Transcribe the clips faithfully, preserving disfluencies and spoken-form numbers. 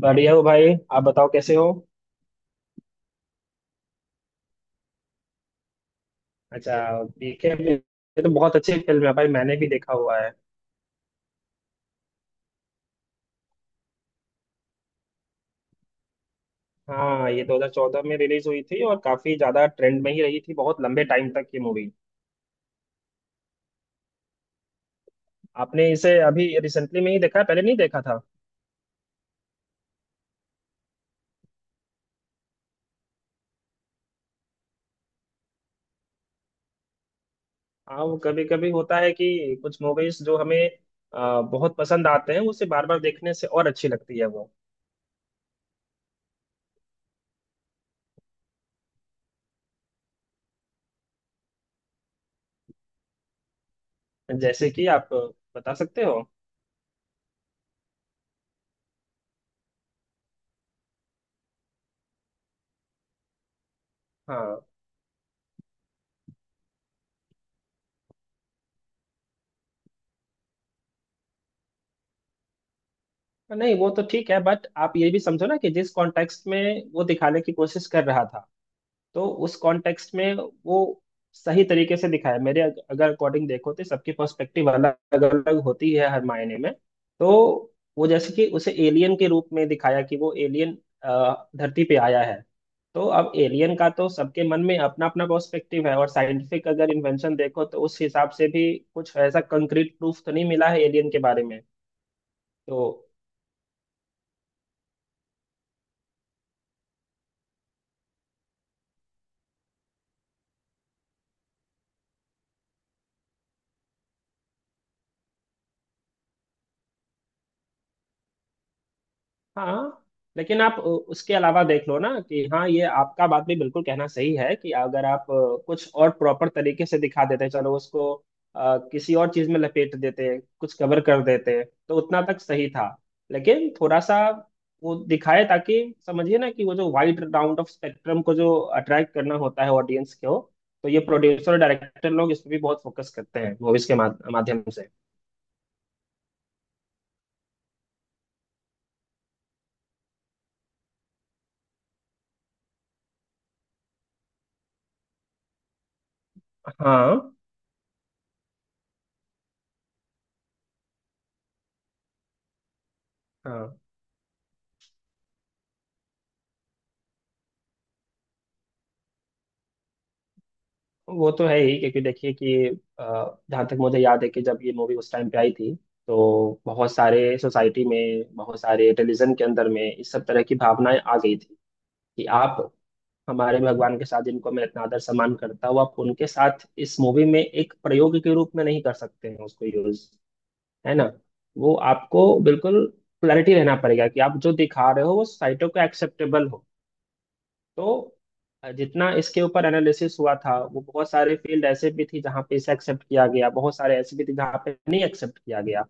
बढ़िया हो भाई। आप बताओ कैसे हो। अच्छा। देखे भी- ये तो बहुत अच्छी फिल्म है भाई। मैंने भी देखा हुआ है। हाँ ये दो हज़ार चौदह में रिलीज हुई थी और काफी ज्यादा ट्रेंड में ही रही थी बहुत लंबे टाइम तक ये मूवी। आपने इसे अभी रिसेंटली में ही देखा है पहले नहीं देखा था। हाँ वो कभी कभी होता है कि कुछ मूवीज जो हमें अ, बहुत पसंद आते हैं उसे बार बार देखने से और अच्छी लगती है वो। जैसे कि आप बता सकते हो। हाँ। नहीं वो तो ठीक है बट आप ये भी समझो ना कि जिस कॉन्टेक्स्ट में वो दिखाने की कोशिश कर रहा था तो उस कॉन्टेक्स्ट में वो सही तरीके से दिखाया है। मेरे अग- अगर अकॉर्डिंग देखो तो सबकी पर्सपेक्टिव अलग अलग होती है हर मायने में। तो वो जैसे कि उसे एलियन के रूप में दिखाया कि वो एलियन धरती पे आया है। तो अब एलियन का तो सबके मन में अपना अपना पर्सपेक्टिव है और साइंटिफिक अगर इन्वेंशन देखो तो उस हिसाब से भी कुछ ऐसा कंक्रीट प्रूफ तो नहीं मिला है एलियन के बारे में। तो हाँ। लेकिन आप उ- उसके अलावा देख लो ना कि हाँ ये आपका बात भी बिल्कुल कहना सही है कि अगर आप अ, कुछ और प्रॉपर तरीके से दिखा देते चलो उसको अ, किसी और चीज में लपेट देते कुछ कवर कर देते तो उतना तक सही था। लेकिन थोड़ा सा वो दिखाए ताकि समझिए ना कि वो जो वाइड राउंड ऑफ स्पेक्ट्रम को जो अट्रैक्ट करना होता है ऑडियंस को। तो ये प्रोड्यूसर डायरेक्टर लोग इस पे भी बहुत फोकस करते हैं मूवीज के माध- माध्यम से। हाँ। हाँ वो तो है ही क्योंकि देखिए कि अ, जहाँ तक मुझे याद है कि जब ये मूवी उस टाइम पे आई थी तो बहुत सारे सोसाइटी में बहुत सारे रिलीजन के अंदर में इस सब तरह की भावनाएं आ गई थी कि आप हमारे भगवान के साथ जिनको मैं इतना आदर सम्मान करता हूँ आप उनके साथ इस मूवी में एक प्रयोग के रूप में नहीं कर सकते हैं उसको यूज। है ना। वो आपको बिल्कुल क्लैरिटी रहना पड़ेगा कि आप जो दिखा रहे हो वो सोसाइटी को एक्सेप्टेबल हो। तो जितना इसके ऊपर एनालिसिस हुआ था वो बहुत सारे फील्ड ऐसे भी थी जहाँ पे इसे एक्सेप्ट किया गया बहुत सारे ऐसे भी थे जहाँ पे नहीं एक्सेप्ट किया गया।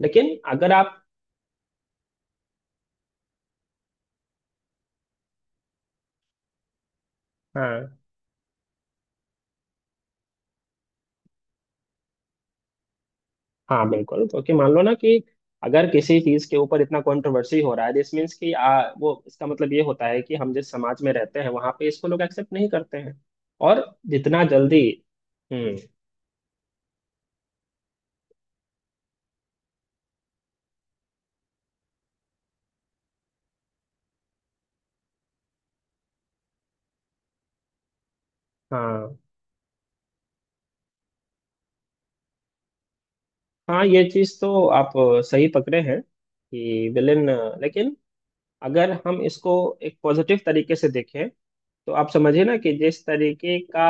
लेकिन अगर आप। हाँ हाँ बिल्कुल क्योंकि मान लो ना कि अगर किसी चीज के ऊपर इतना कंट्रोवर्सी हो रहा है दिस मीन्स कि आ, वो इसका मतलब ये होता है कि हम जिस समाज में रहते हैं वहां पे इसको लोग एक्सेप्ट नहीं करते हैं। और जितना जल्दी। हम्म। हाँ हाँ ये चीज तो आप अ, सही पकड़े हैं कि विलेन। लेकिन अगर हम इसको एक पॉजिटिव तरीके से देखें तो आप समझिए ना कि जिस तरीके का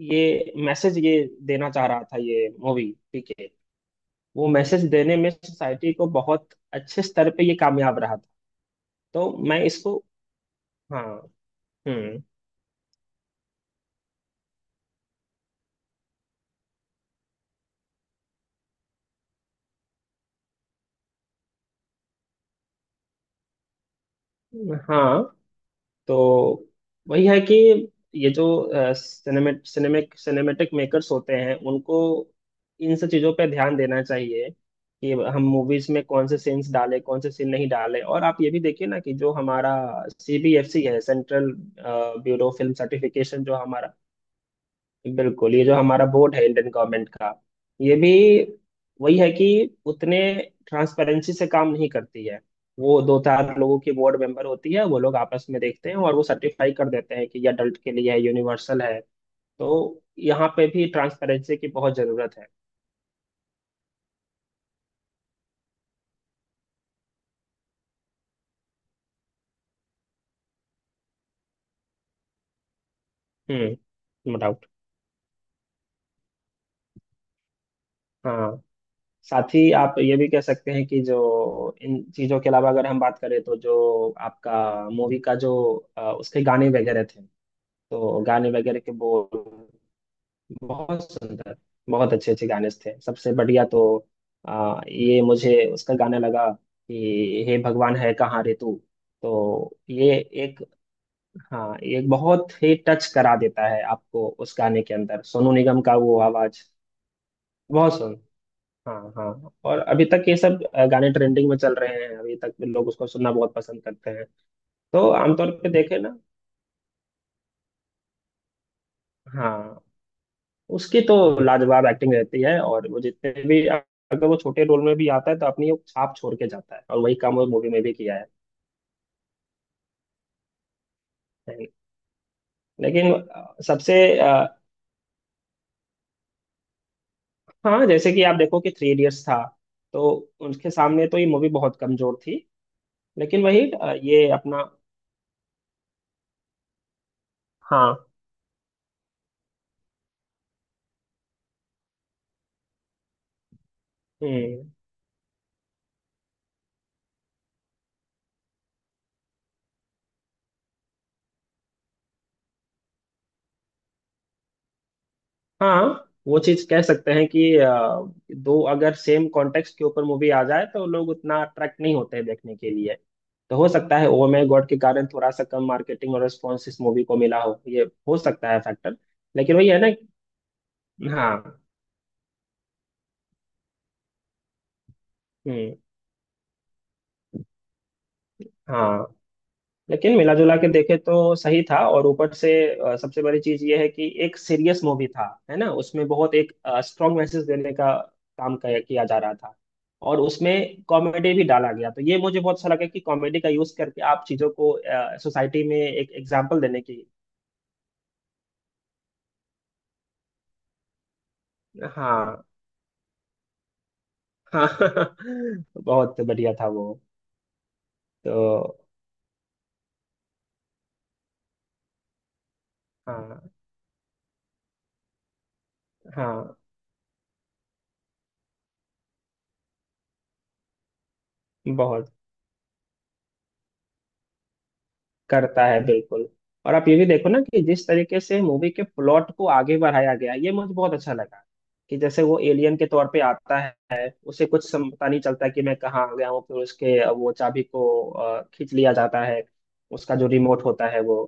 ये मैसेज ये देना चाह रहा था ये मूवी ठीक है वो मैसेज देने में सोसाइटी को बहुत अच्छे स्तर पे ये कामयाब रहा था। तो मैं इसको। हाँ। हम्म। हाँ। तो वही है कि ये जो सिनेमेट सिनेमिक सिनेमेटिक मेकर्स होते हैं उनको इन सब चीज़ों पे ध्यान देना चाहिए कि हम मूवीज में कौन से सीन्स डालें कौन से सीन नहीं डालें और आप ये भी देखिए ना कि जो हमारा सीबीएफसी है central bureau of film certification जो हमारा। बिल्कुल ये जो हमारा बोर्ड है इंडियन गवर्नमेंट का। ये भी वही है कि उतने ट्रांसपेरेंसी से काम नहीं करती है। वो दो चार लोगों की बोर्ड मेंबर होती है वो लोग आपस में देखते हैं और वो सर्टिफाई कर देते हैं कि ये अडल्ट के लिए है यूनिवर्सल है। तो यहाँ पे भी ट्रांसपेरेंसी की बहुत जरूरत है। Hmm no doubt. हाँ साथ ही आप ये भी कह सकते हैं कि जो इन चीजों के अलावा अगर हम बात करें तो जो आपका मूवी का जो अ, उसके गाने वगैरह थे तो गाने वगैरह के बोल बहुत सुंदर बहुत अच्छे अच्छे गाने थे सबसे बढ़िया तो आ, ये मुझे उसका गाना लगा कि हे भगवान है कहाँ रे तू। तो ये एक। हाँ ये एक बहुत ही टच करा देता है आपको उस गाने के अंदर सोनू निगम का वो आवाज। बहुत सुन। हाँ हाँ और अभी तक ये सब अ, गाने ट्रेंडिंग में चल रहे हैं अभी तक लोग उसको सुनना बहुत पसंद करते हैं। तो आमतौर पे देखे ना। हाँ। उसकी तो लाजवाब एक्टिंग रहती है और वो जितने भी अगर वो छोटे रोल में भी आता है तो अपनी वो छाप छोड़ के जाता है और वही काम वो मूवी में भी किया है। लेकिन अ, सबसे। अ, हाँ जैसे कि आप देखो कि थ्री इडियट्स था तो उनके सामने तो ये मूवी बहुत कमजोर थी। लेकिन वही अ, ये अपना। हाँ। हम्म। हाँ वो चीज कह सकते हैं कि अ, दो अगर सेम कॉन्टेक्स्ट के ऊपर मूवी आ जाए तो लोग उतना अट्रैक्ट नहीं होते हैं देखने के लिए। तो हो सकता है ओ माय गॉड के कारण थोड़ा सा कम मार्केटिंग और रिस्पॉन्स इस मूवी को मिला हो ये हो सकता है फैक्टर। लेकिन वही है ना। हाँ। हम्म। हाँ लेकिन मिला जुला के देखे तो सही था और ऊपर से अ, सबसे बड़ी चीज ये है कि एक सीरियस मूवी था है ना उसमें बहुत एक स्ट्रॉन्ग मैसेज देने का काम किया किया जा रहा था और उसमें कॉमेडी भी डाला गया तो ये मुझे बहुत अच्छा लगा कि कॉमेडी का यूज करके आप चीजों को सोसाइटी में एक एग्जाम्पल देने की। हाँ हाँ बहुत बढ़िया था वो। तो। हाँ हाँ बहुत। करता है बिल्कुल। और आप ये भी देखो ना कि जिस तरीके से मूवी के प्लॉट को आगे बढ़ाया गया ये मुझे बहुत अच्छा लगा कि जैसे वो एलियन के तौर पे आता है उसे कुछ सम- पता नहीं चलता कि मैं कहाँ आ गया हूँ फिर उसके अ, वो चाबी को अ, खींच लिया जाता है उसका जो रिमोट होता है वो।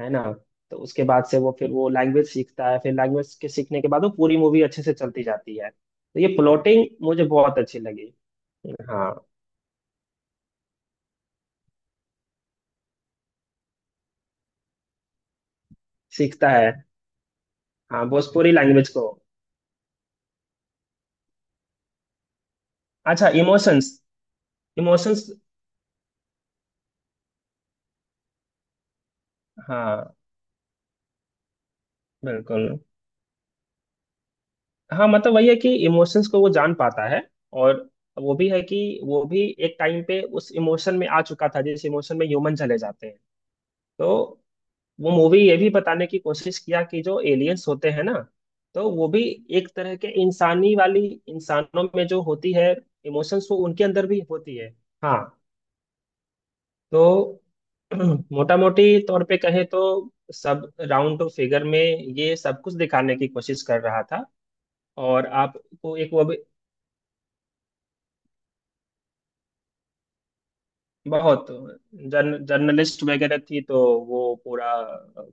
है ना। तो उसके बाद से वो फिर वो लैंग्वेज सीखता है फिर लैंग्वेज के सीखने के बाद वो पूरी मूवी अच्छे से चलती जाती है तो ये प्लॉटिंग मुझे बहुत अच्छी लगी। हाँ। सीखता है। हाँ भोजपुरी लैंग्वेज को। अच्छा इमोशंस। इमोशंस। हाँ बिल्कुल। हाँ मतलब वही है कि इमोशंस को वो जान पाता है और वो भी है कि वो भी एक टाइम पे उस इमोशन में आ चुका था जिस इमोशन में ह्यूमन चले जाते हैं। तो वो मूवी ये भी बताने की कोशिश किया कि जो एलियंस होते हैं ना तो वो भी एक तरह के इंसानी वाली इंसानों में जो होती है इमोशंस वो उनके अंदर भी होती है। हाँ। तो मोटा मोटी तौर पे कहें तो सब राउंड फिगर में ये सब कुछ दिखाने की कोशिश कर रहा था। और आपको एक वो भी बहुत जर्न, जर्नलिस्ट वगैरह थी तो वो पूरा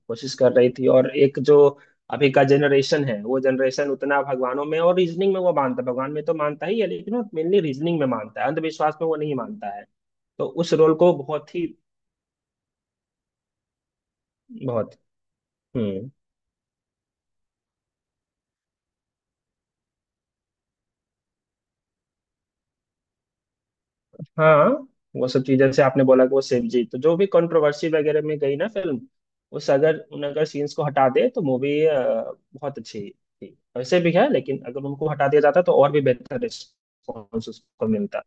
कोशिश कर रही थी और एक जो अभी का जनरेशन है वो जनरेशन उतना भगवानों में और रीजनिंग में वो मानता है भगवान में तो मानता ही है लेकिन वो मेनली रीजनिंग में मानता है अंधविश्वास में वो नहीं मानता है। तो उस रोल को बहुत ही बहुत। हम्म। हाँ वो सब चीज जैसे आपने बोला कि वो शिव जी तो जो भी कंट्रोवर्सी वगैरह में गई ना फिल्म उस अगर उन अगर सीन्स को हटा दे तो मूवी बहुत अच्छी थी वैसे भी है लेकिन अगर उनको हटा दिया जाता तो और भी बेहतर रिस्पॉन्स उसको मिलता।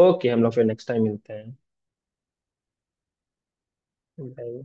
ओके हम लोग फिर नेक्स्ट टाइम मिलते हैं। Bye.